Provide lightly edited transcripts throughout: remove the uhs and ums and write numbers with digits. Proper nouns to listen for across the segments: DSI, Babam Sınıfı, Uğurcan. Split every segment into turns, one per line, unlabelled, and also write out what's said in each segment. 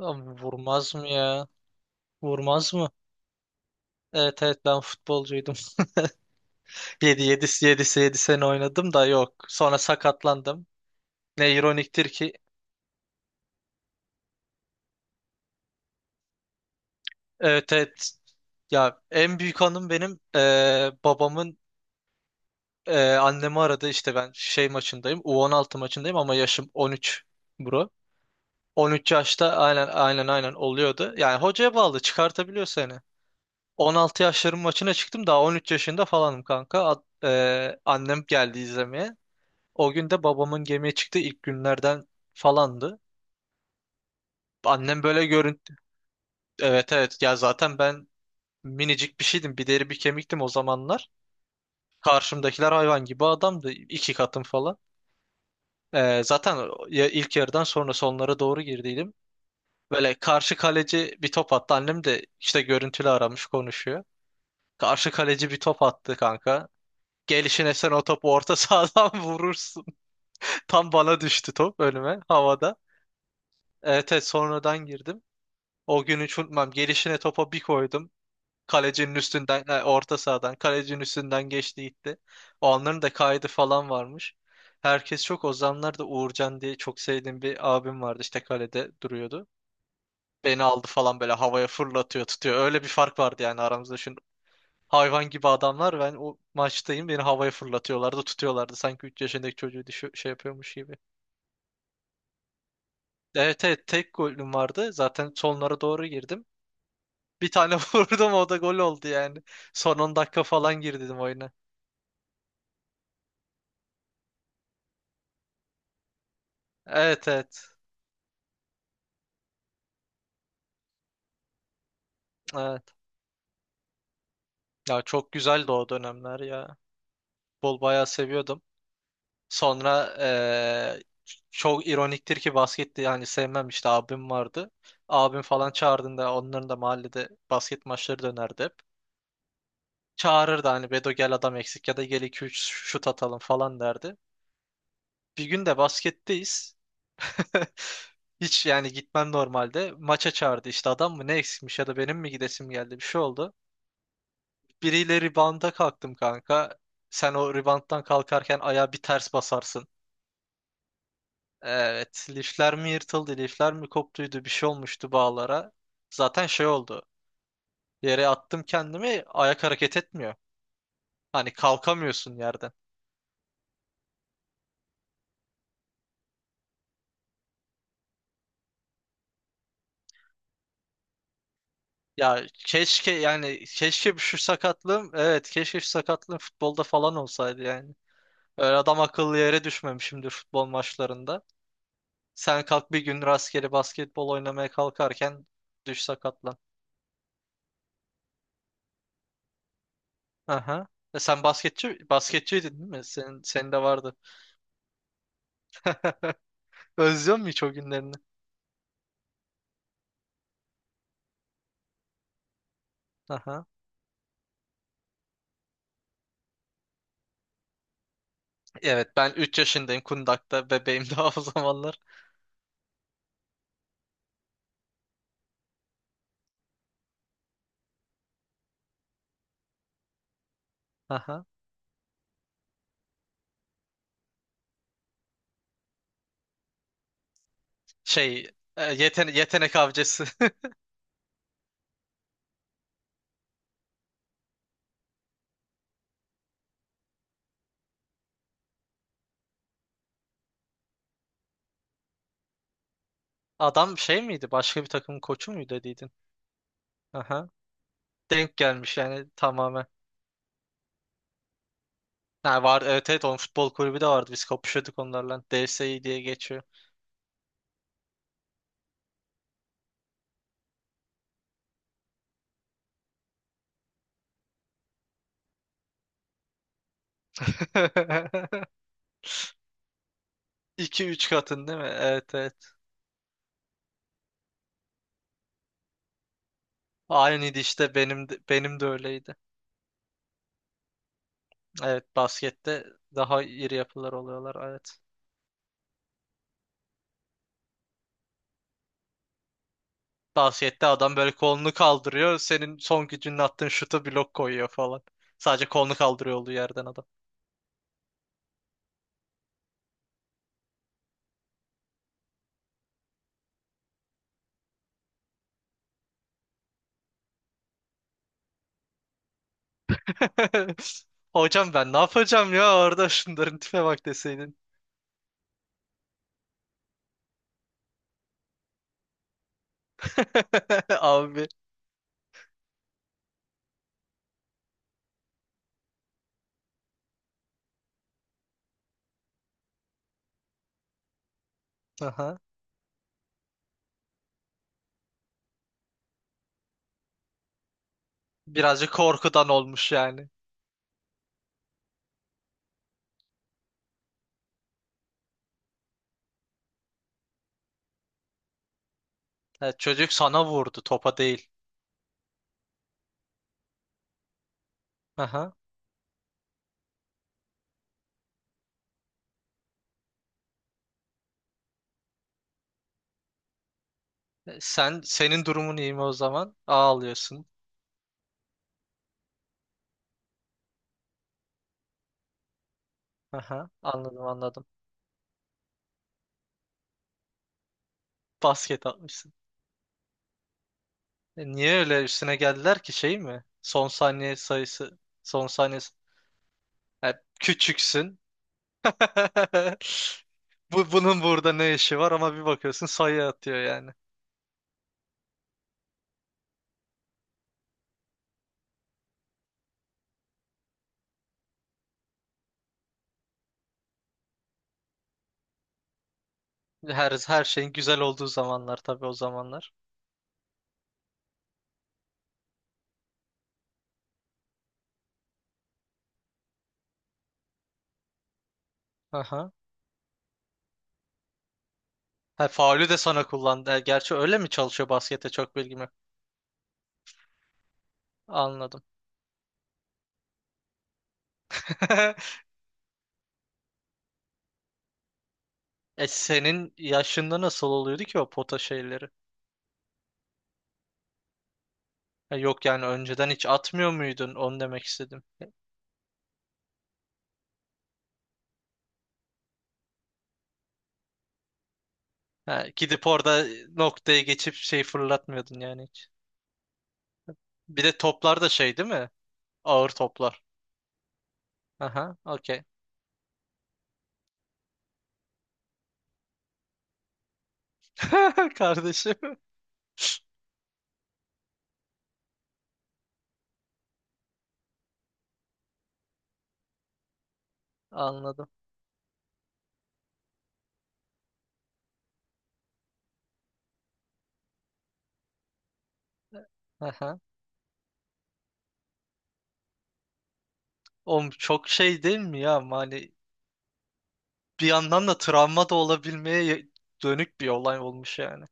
Lan, vurmaz mı ya? Vurmaz mı? Evet evet, ben futbolcuydum. Yedi sene oynadım da yok. Sonra sakatlandım. Ne ironiktir ki. Evet evet. Ya en büyük anım benim babamın annemi aradı, işte ben şey maçındayım. U16 maçındayım ama yaşım 13, bro. 13 yaşta aynen aynen aynen oluyordu. Yani hocaya bağlı, çıkartabiliyor seni. 16 yaşların maçına çıktım, daha 13 yaşında falanım kanka. Annem geldi izlemeye. O gün de babamın gemiye çıktığı ilk günlerden falandı. Annem böyle görüntü... Evet evet, ya zaten ben minicik bir şeydim. Bir deri bir kemiktim o zamanlar. Karşımdakiler hayvan gibi adamdı. İki katım falan. Zaten ya ilk yarıdan sonra sonlara doğru girdiydim. Böyle karşı kaleci bir top attı. Annem de işte görüntülü aramış, konuşuyor. Karşı kaleci bir top attı kanka. Gelişine sen o topu orta sahadan vurursun. Tam bana düştü top, önüme havada. Evet, evet sonradan girdim. O gün hiç unutmam. Gelişine topa bir koydum. Kalecinin üstünden, orta sahadan, kalecinin üstünden geçti gitti. O anların da kaydı falan varmış. Herkes çok. O zamanlar da Uğurcan diye çok sevdiğim bir abim vardı. İşte kalede duruyordu. Beni aldı falan, böyle havaya fırlatıyor, tutuyor. Öyle bir fark vardı yani aramızda. Şimdi hayvan gibi adamlar. Ben o maçtayım. Beni havaya fırlatıyorlardı, tutuyorlardı. Sanki 3 yaşındaki çocuğu şey yapıyormuş gibi. Evet evet, tek golüm vardı. Zaten sonlara doğru girdim. Bir tane vurdum, o da gol oldu yani. Son 10 dakika falan girdim oyuna. Evet evet. Evet. Ya çok güzeldi o dönemler ya. Bol bayağı seviyordum. Sonra çok ironiktir ki basketti yani, sevmem, işte abim vardı. Abim falan çağırdığında onların da mahallede basket maçları dönerdi hep. Çağırırdı hani, Bedo gel adam eksik ya da gel iki üç şut atalım falan derdi. Bir gün de basketteyiz. Hiç yani gitmem normalde. Maça çağırdı işte, adam mı ne eksikmiş ya da benim mi gidesim geldi, bir şey oldu. Biriyle ribanda kalktım kanka. Sen o ribanttan kalkarken ayağa bir ters basarsın. Evet, lifler mi yırtıldı, lifler mi koptuydu, bir şey olmuştu bağlara. Zaten şey oldu. Yere attım kendimi, ayak hareket etmiyor. Hani kalkamıyorsun yerden. Ya keşke yani, keşke şu sakatlığım, evet, keşke şu sakatlığım futbolda falan olsaydı yani. Öyle adam akıllı yere düşmemişimdir futbol maçlarında. Sen kalk bir gün rastgele basketbol oynamaya kalkarken düş, sakatlan. Aha. E sen basketçiydin değil mi? Senin de vardı. Özlüyor musun hiç o günlerini? Aha. Evet, ben 3 yaşındayım Kundak'ta. Bebeğim daha o zamanlar. Aha. Şey Yetenek avcısı. Adam şey miydi? Başka bir takımın koçu muydu dediydin? Aha. Denk gelmiş yani tamamen. Ha, var, evet evet, onun futbol kulübü de vardı. Biz kapışıyorduk onlarla. DSI diye geçiyor. İki üç katın değil mi? Evet evet. Aynıydı işte, benim de öyleydi. Evet, baskette daha iri yapılar oluyorlar, evet. Baskette adam böyle kolunu kaldırıyor. Senin son gücünle attığın şuta blok koyuyor falan. Sadece kolunu kaldırıyor olduğu yerden adam. Hocam ben ne yapacağım ya orada, şunların tipe bak deseydin. Abi. Aha. Birazcık korkudan olmuş yani. Evet, çocuk sana vurdu, topa değil. Aha. Sen, senin durumun iyi mi o zaman? Ağlıyorsun. Aha, anladım anladım. Basket atmışsın. E, niye öyle üstüne geldiler ki, şey mi, son saniye sayısı, son saniye e, küçüksün. Bunun burada ne işi var, ama bir bakıyorsun sayı atıyor yani. Her şeyin güzel olduğu zamanlar tabii, o zamanlar. Aha. Ha, faulü de sana kullandı. Gerçi öyle mi çalışıyor, baskette çok bilgim yok. Anladım. E senin yaşında nasıl oluyordu ki o pota şeyleri? Ha, yok yani önceden hiç atmıyor muydun? Onu demek istedim. Ha, gidip orada noktaya geçip şey fırlatmıyordun yani hiç. Bir de toplar da şey değil mi? Ağır toplar. Aha, okey. Kardeşim. Anladım. Aha. Oğlum çok şey değil mi ya? Ama hani bir yandan da travma da olabilmeye dönük bir olay olmuş yani.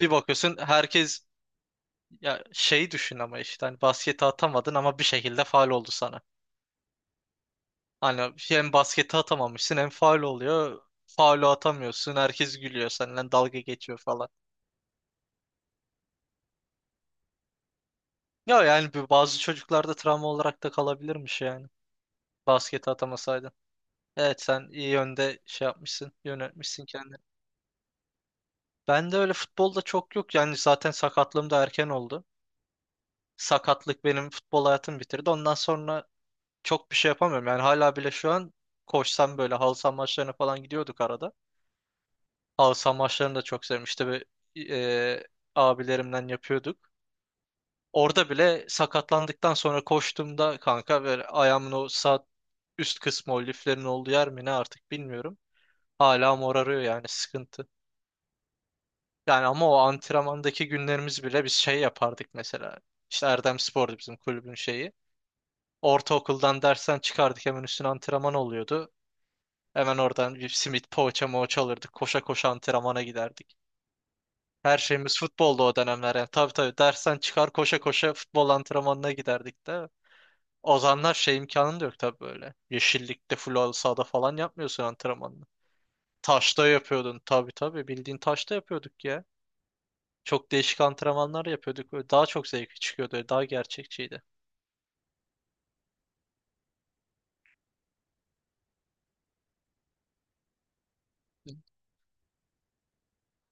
Bir bakıyorsun herkes, ya şey düşün, ama işte hani basketi atamadın ama bir şekilde faal oldu sana. Hani hem basketi atamamışsın hem faul oluyor, faulü atamıyorsun, herkes gülüyor, seninle dalga geçiyor falan. Ya yani bu, bazı çocuklarda travma olarak da kalabilirmiş yani. Basketi atamasaydın. Evet, sen iyi yönde şey yapmışsın, yönetmişsin kendini. Ben de öyle futbolda çok yok. Yani zaten sakatlığım da erken oldu. Sakatlık benim futbol hayatımı bitirdi. Ondan sonra çok bir şey yapamıyorum. Yani hala bile şu an koşsam, böyle halı saha maçlarına falan gidiyorduk arada. Halı saha maçlarını da çok sevmişti ve e, abilerimden yapıyorduk. Orada bile sakatlandıktan sonra koştuğumda kanka, böyle ayağımın o sağ üst kısmı, o liflerin olduğu yer mi ne, artık bilmiyorum. Hala morarıyor yani, sıkıntı. Yani ama o antrenmandaki günlerimiz bile, biz şey yapardık mesela. İşte Erdem Spor'du bizim kulübün şeyi. Ortaokuldan dersten çıkardık, hemen üstüne antrenman oluyordu. Hemen oradan bir simit, poğaça moğaça alırdık, koşa koşa antrenmana giderdik. Her şeyimiz futbolda o dönemler yani. Tabii tabii, dersten çıkar koşa koşa futbol antrenmanına giderdik de. O zamanlar şey, imkanın da yok tabii böyle. Yeşillikte, full sahada falan yapmıyorsun antrenmanını. Taşta yapıyordun, tabii tabii, bildiğin taşta yapıyorduk ya. Çok değişik antrenmanlar yapıyorduk, böyle. Daha çok zevkli çıkıyordu, daha gerçekçiydi.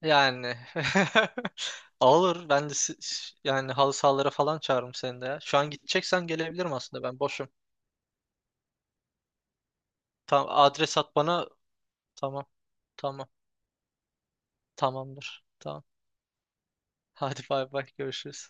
Yani olur, ben de yani halı sahalara falan çağırırım seni de ya. Şu an gideceksen gelebilirim, aslında ben boşum. Tamam, adres at bana. Tamam. Tamam. Tamamdır. Tamam. Hadi bay bay, görüşürüz.